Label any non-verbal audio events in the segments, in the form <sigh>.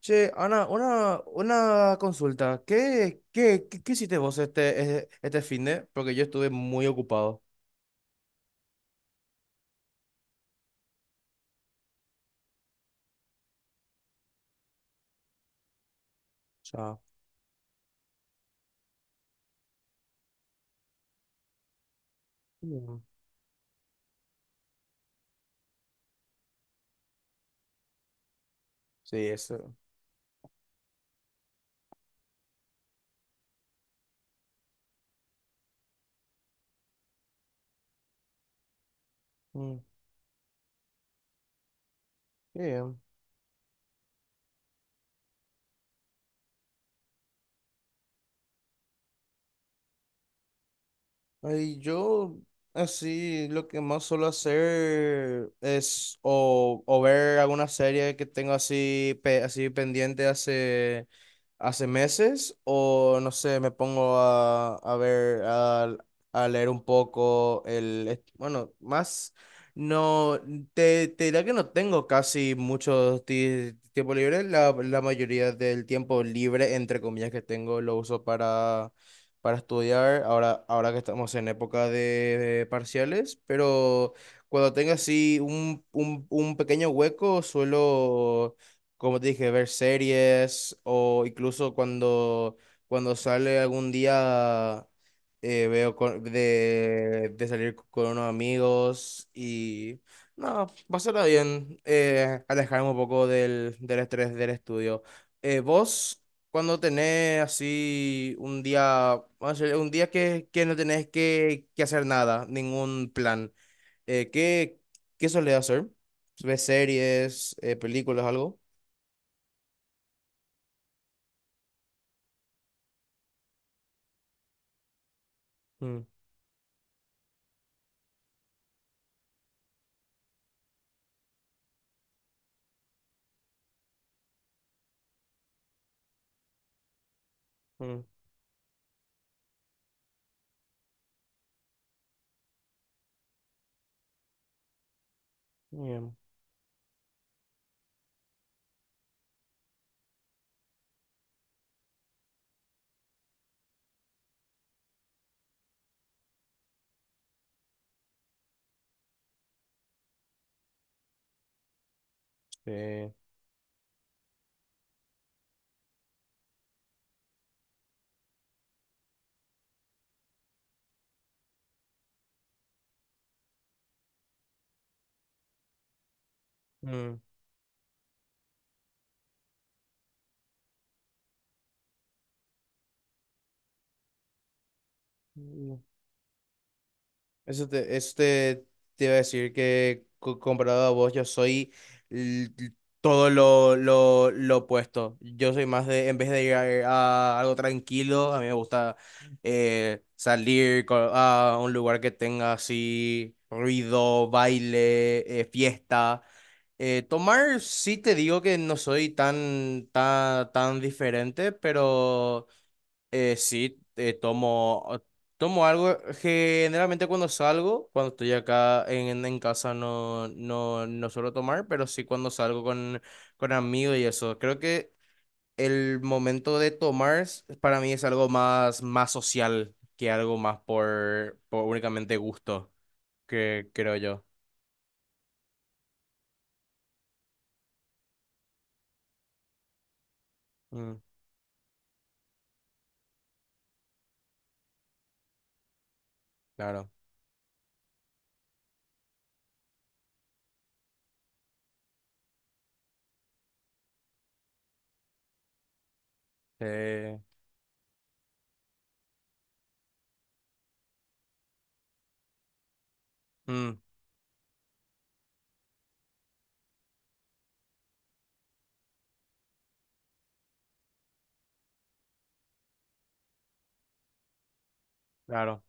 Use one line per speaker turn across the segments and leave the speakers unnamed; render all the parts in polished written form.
Che, Ana, una consulta. ¿Qué hiciste vos este finde? Porque yo estuve muy ocupado. O sea. Mm. Sí, eso. Mm, qué bien. Ay, yo así lo que más suelo hacer es o ver alguna serie que tengo así, así pendiente hace meses o no sé, me pongo a, a leer un poco bueno, más, no, te diría que no tengo casi mucho tiempo libre, la mayoría del tiempo libre, entre comillas, que tengo lo uso para estudiar ahora que estamos en época de parciales, pero cuando tenga así un pequeño hueco, suelo, como te dije, ver series o incluso cuando sale algún día de salir con unos amigos y no, pasará bien, alejarme un poco del estrés del estudio. ¿Vos? Cuando tenés así un día, vamos a decir, un día que no tenés que hacer nada, ningún plan, eh, ¿qué, qué solés hacer? ¿Ves series, películas, algo? Mm, mm, bien, sí. Mm, mm. Eso te iba a decir que comparado a vos, yo soy l- l- todo lo opuesto. Yo soy más de, en vez de ir a algo tranquilo, a mí me gusta salir a un lugar que tenga así ruido, baile, fiesta. Tomar, sí te digo que no soy tan diferente, pero... Sí, tomo algo. Generalmente cuando salgo, cuando estoy acá en casa no suelo tomar, pero sí cuando salgo con amigos y eso. Creo que el momento de tomar para mí es algo más social que algo más por únicamente gusto, que creo yo. Mm, claro. Eh, mm, claro,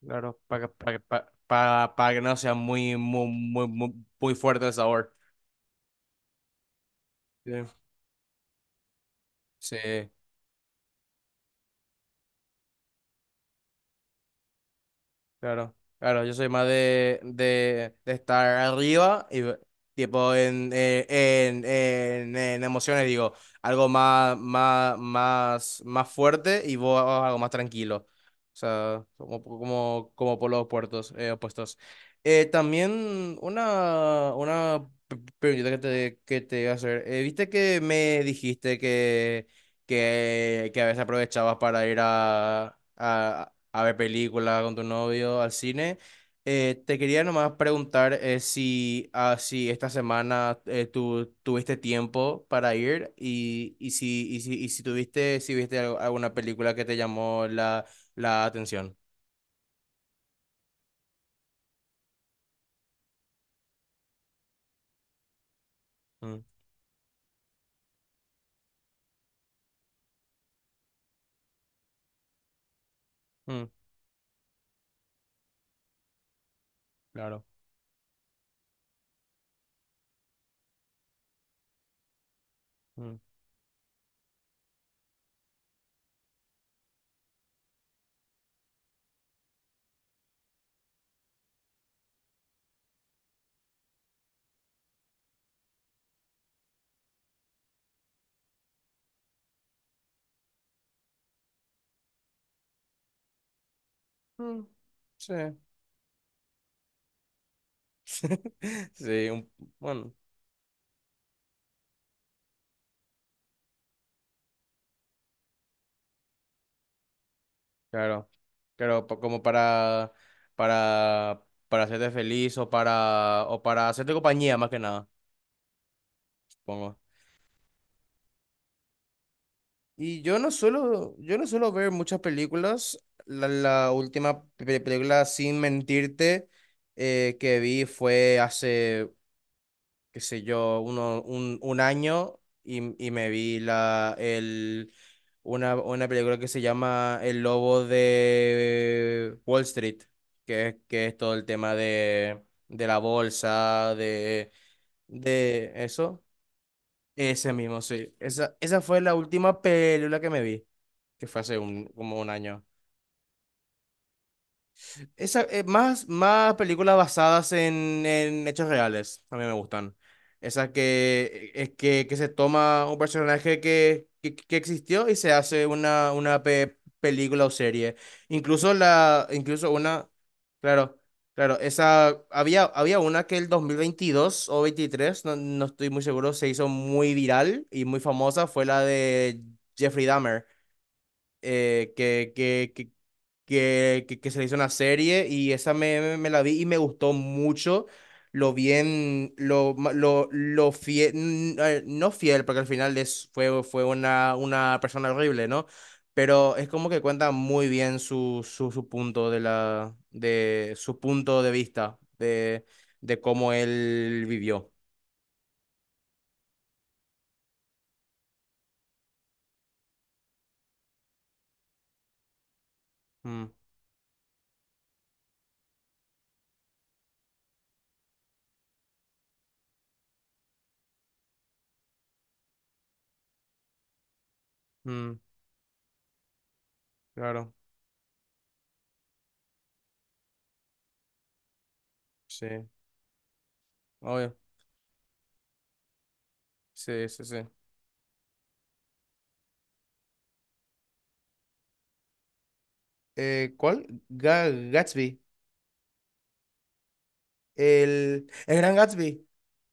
claro. Para que no sea muy muy fuerte el sabor. Sí. Sí, claro. Claro, yo soy más de estar arriba y tipo en emociones, digo, algo más fuerte y vos algo más tranquilo. O sea, como por los puertos, opuestos. También una pregunta que te iba a hacer. ¿Viste que me dijiste que a veces aprovechabas para ir a ver películas con tu novio, al cine? Te quería nomás preguntar si esta semana tú tuviste tiempo para ir y si tuviste, si viste alguna película que te llamó la atención. Mm, mm, claro. Mm, mm, sí. <laughs> Sí, bueno, claro. Claro, como para, para, para hacerte feliz o para hacerte compañía más que nada, supongo. Y yo no suelo ver muchas películas. La última película, sin mentirte, que vi fue hace, qué sé yo, un año y me vi una película que se llama El Lobo de Wall Street, que es todo el tema de la bolsa, de eso. Ese mismo, sí. Esa fue la última película que me vi que fue hace como un año. Más películas basadas en hechos reales, a mí me gustan. Esas que se toma un personaje que existió y se hace una película o serie. Incluso claro, claro, había una que el 2022 o 23 no estoy muy seguro, se hizo muy viral y muy famosa, fue la de Jeffrey Dahmer eh, que, que, que, que se le hizo una serie y esa me la vi y me gustó mucho lo bien, lo fiel, no fiel, porque al final fue una persona horrible, ¿no? Pero es como que cuenta muy bien su punto de de su punto de vista de cómo él vivió. Mm, mm, claro, sí, obvio, sí, sí, sí. ¿Cuál? Gatsby. El Gran Gatsby,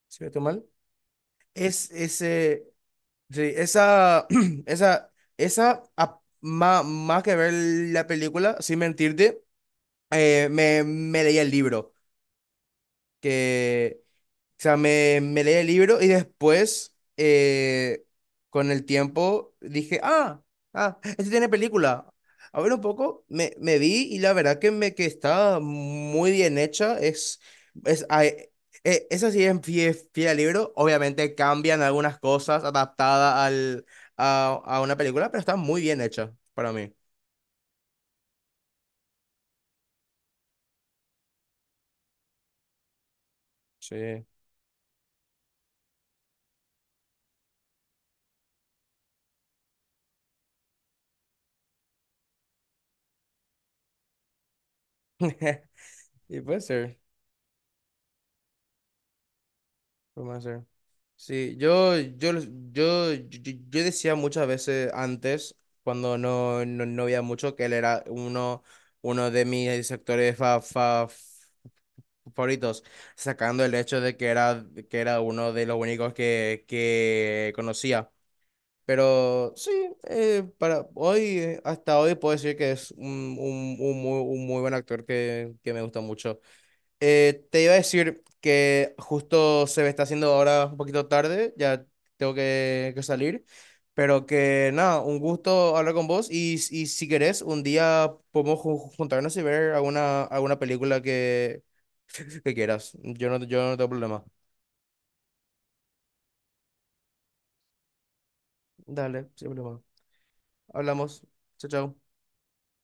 si no estoy mal, es ese, sí, esa, <clears throat> esa, más que ver la película, sin mentirte, me leí el libro, que... O sea, me leí el libro y después, con el tiempo, dije, ah, este tiene película. A ver un poco, me vi y la verdad que, que está muy bien hecha. Es, ay, Esa sí es fiel al libro. Obviamente cambian algunas cosas adaptada a una película, pero está muy bien hecha para mí. Sí. <laughs> Y puede ser. Puede ser. Sí, yo decía muchas veces antes, cuando no veía mucho, que él era uno de mis sectores favoritos, sacando el hecho de que era uno de los únicos que conocía. Pero sí, para hoy, hasta hoy puedo decir que es un muy buen actor que me gusta mucho. Te iba a decir que justo se me está haciendo ahora un poquito tarde, ya tengo que salir, pero que nada, un gusto hablar con vos y si querés, un día podemos juntarnos y ver alguna película que quieras. Yo no tengo problema. Dale, sin problema. Hablamos. Chao, chao.